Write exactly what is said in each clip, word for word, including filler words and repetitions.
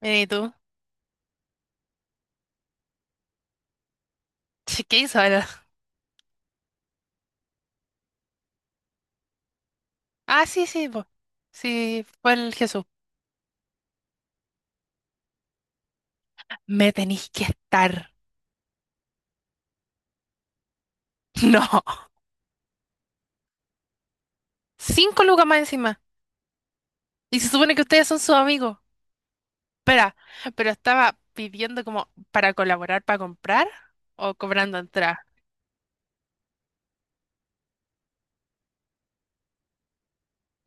Eh, ¿Y tú? Sí, ¿qué hizo ahora? Ah, sí, sí, po. Sí, fue el Jesús. Me tenéis que estar. No. Cinco lucas más encima. Y se supone que ustedes son sus amigos. Espera, pero estaba pidiendo como para colaborar, para comprar o cobrando entrada.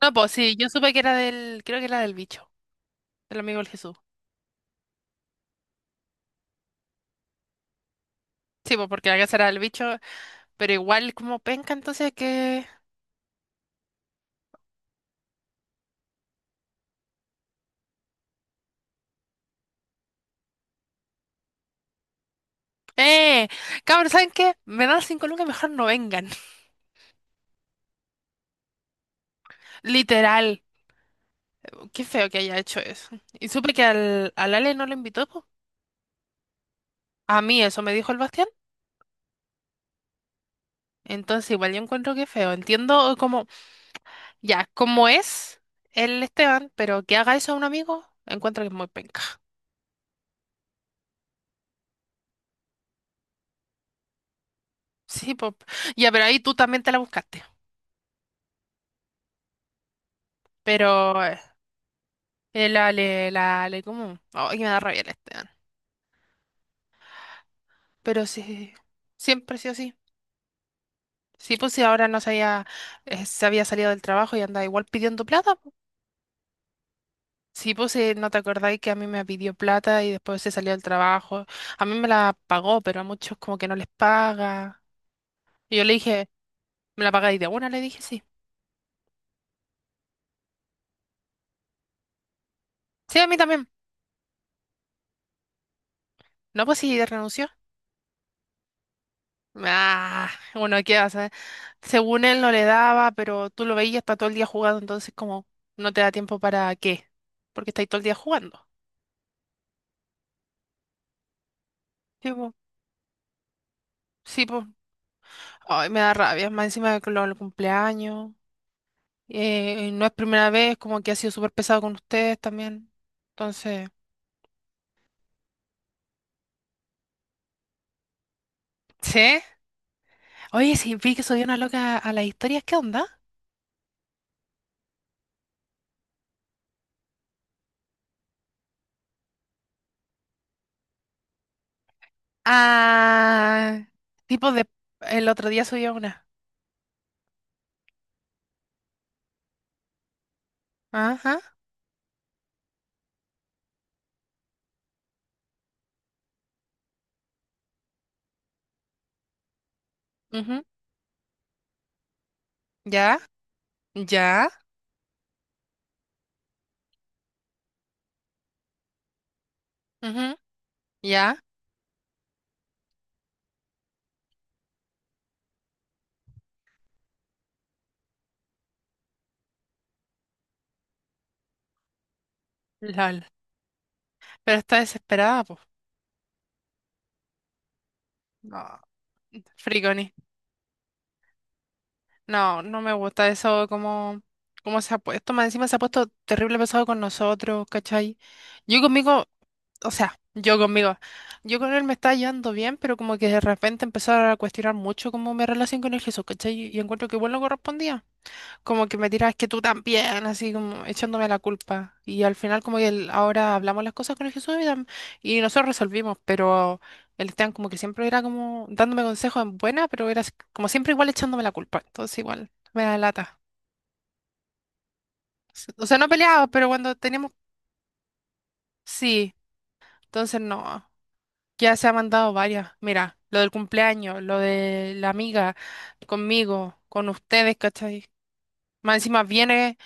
No, pues sí, yo supe que era del, creo que era del bicho, del amigo del Jesús. Sí, pues porque la casa era del bicho, pero igual como penca, entonces que. ¡Eh! Cabrón, ¿saben qué? Me dan cinco lucas, mejor no vengan. Literal. Qué feo que haya hecho eso. Y supe que al, al Ale no lo invitó, po. A mí eso me dijo el Bastián. Entonces igual yo encuentro que feo. Entiendo como ya, cómo es el Esteban, pero que haga eso a un amigo, encuentro que es muy penca. Sí, pues. Ya, pero ahí tú también te la buscaste. Pero eh, el Ale, el Ale, como ay, me da rabia el Esteban. Pero sí, siempre sí o sí. Sí, pues si ahora no se había, eh, se había salido del trabajo y andaba igual pidiendo plata. Sí, pues eh, no te acordáis que a mí me pidió plata y después se salió del trabajo. A mí me la pagó, pero a muchos como que no les paga. Y yo le dije, ¿me la pagáis de una? Le dije, sí. Sí, a mí también. No, pues sí, renunció. Ah, bueno, ¿qué hace? Según él no le daba, pero tú lo veías, está todo el día jugando, entonces como no te da tiempo para qué, porque estáis todo el día jugando. Sí, pues, sí, pues. Ay, me da rabia, más encima de que lo- los cumpleaños. Eh, y no es primera vez, como que ha sido súper pesado con ustedes también. Entonces. ¿Sí? Oye, sí, vi que subió una loca a las historias, ¿qué onda? Ah, tipo de, el otro día subió una. Ajá, ujú, ya, ya, ujú, ya, lol. Pero está desesperada, pues. No, friconi. No, no me gusta eso, como, como se ha puesto, más encima se ha puesto terrible pesado con nosotros, ¿cachai? Yo conmigo, o sea, yo conmigo, yo con él me estaba llevando bien, pero como que de repente empezaron a cuestionar mucho como mi relación con el Jesús, ¿cachai? Y encuentro que igual no correspondía. Como que me tiras que tú también, así como echándome la culpa. Y al final como que el- ahora hablamos las cosas con el Jesús y, tam- y nosotros resolvimos, pero el Esteban como que siempre era como dándome consejos en buena, pero era así como siempre igual echándome la culpa. Entonces igual me da lata. O sea, no peleaba, pero cuando teníamos. Sí, entonces no. Ya se ha mandado varias. Mira, lo del cumpleaños, lo de la amiga, conmigo, con ustedes, ¿cachai? Más encima viene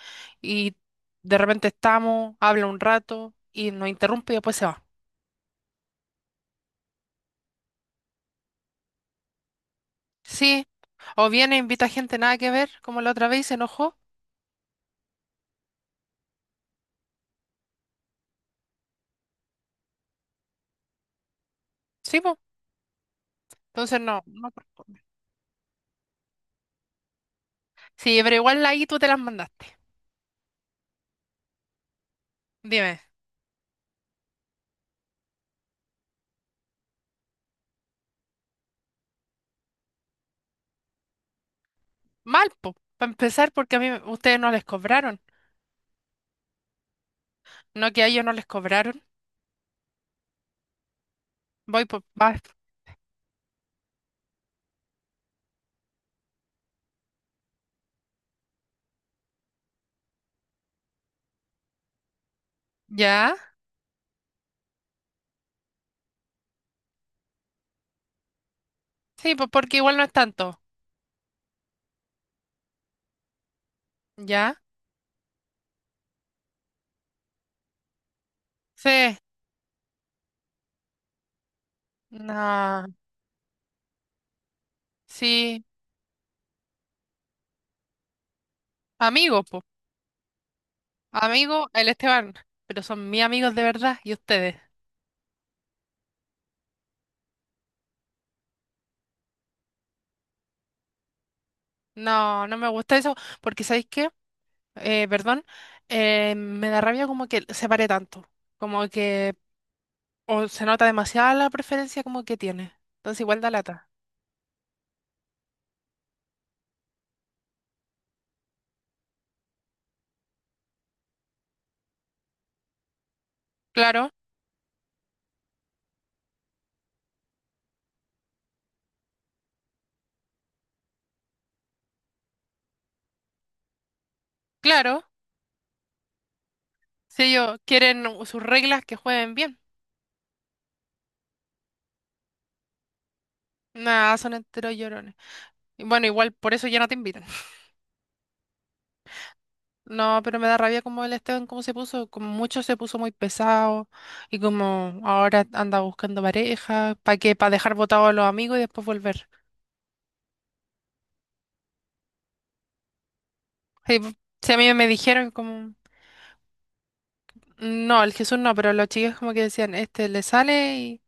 y de repente estamos, habla un rato y nos interrumpe y después se va. Sí. O viene, invita gente nada que ver, como la otra vez y se enojó. Sí, pues. Entonces no, no corresponde. Sí, pero igual ahí tú te las mandaste. Dime. Mal, po. Para empezar, porque a mí ustedes no les cobraron. No que a ellos no les cobraron. Voy por. Vas. ¿Ya? Sí, pues porque igual no es tanto. ¿Ya? Sí. No. Sí. Amigo, po. Amigo, el Esteban. Pero son mis amigos de verdad y ustedes. No, no me gusta eso porque ¿sabéis qué? Eh, perdón. Eh, me da rabia como que se pare tanto. Como que o se nota demasiada la preferencia como que tiene. Entonces igual da lata. Claro, claro. Si ellos quieren sus reglas que jueguen bien. Nada, son enteros llorones. Y bueno, igual por eso ya no te invitan. No, pero me da rabia como el Esteban, cómo se puso, como mucho se puso muy pesado y como ahora anda buscando pareja, ¿para qué? Para dejar botado a los amigos y después volver. Sí, p- si a mí me dijeron como, no, el Jesús no, pero los chicos como que decían, este le sale y,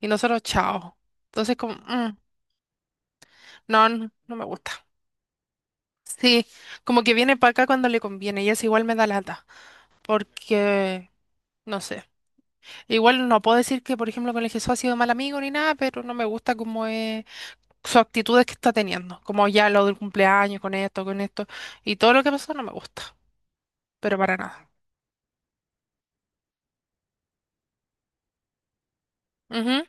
y nosotros chao. Entonces como, "Mm, no, no, no me gusta. Sí, como que viene para acá cuando le conviene y eso igual me da lata, porque, no sé. Igual no puedo decir que, por ejemplo, con el Jesús ha sido mal amigo ni nada, pero no me gusta como es sus actitudes que está teniendo, como ya lo del cumpleaños, con esto, con esto, y todo lo que pasó no me gusta, pero para nada. Ujú.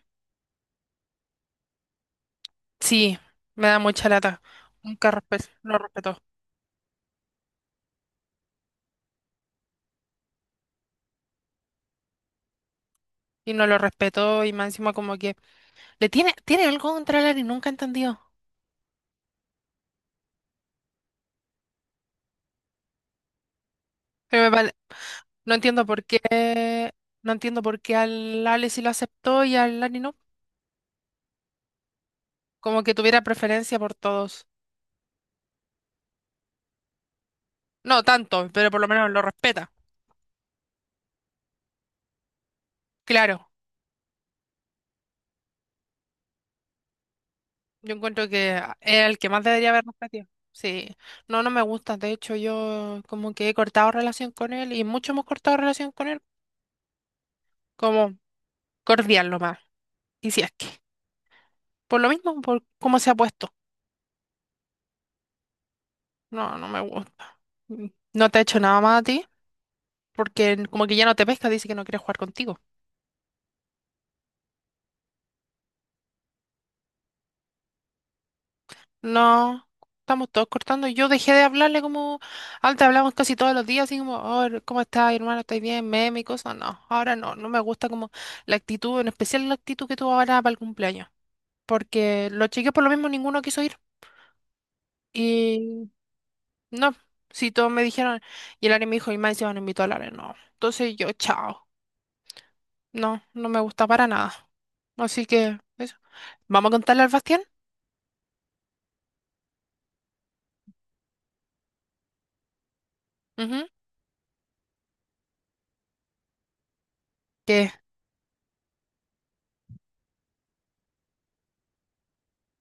Sí, me da mucha lata. Nunca respeto, lo respetó. Y no lo respetó y más encima como que le tiene, tiene algo contra el nunca he entendido. Pero me pare- no entiendo por qué, no entiendo por qué al Ale sí lo aceptó y al Ari no. Como que tuviera preferencia por todos. No tanto, pero por lo menos lo respeta. Claro. Yo encuentro que ah, es el que más debería haber respeto. Sí, no, no me gusta. De hecho, yo como que he cortado relación con él y mucho hemos cortado relación con él, como cordial lo más. Y si es que, por lo mismo, por cómo se ha puesto. No, no me gusta. Mm. No te ha hecho nada más a ti, porque como que ya no te pesca, dice que no quiere jugar contigo. No, estamos todos cortando. Yo dejé de hablarle como antes hablamos casi todos los días, así como, oh, ¿cómo estás, hermano? ¿Estás bien? Meme y cosas. No, ahora no, no me gusta como la actitud, en especial la actitud que tuvo ahora para el cumpleaños, porque los chicos por lo mismo ninguno quiso ir. Y no, si todos me dijeron, y el Ari me dijo, y más encima no invitó a Lare, no. Entonces yo, chao. No, no me gusta para nada. Así que, eso. ¿Vamos a contarle al Bastián? Ujú. ¿Qué?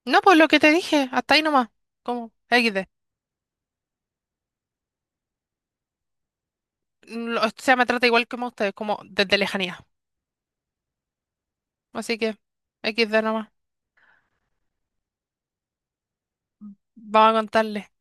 No, pues lo que te dije, hasta ahí nomás. Como equis de. Lo- o sea, me trata igual como ustedes, como desde lejanía. Así que, equis de nomás. Vamos a contarle.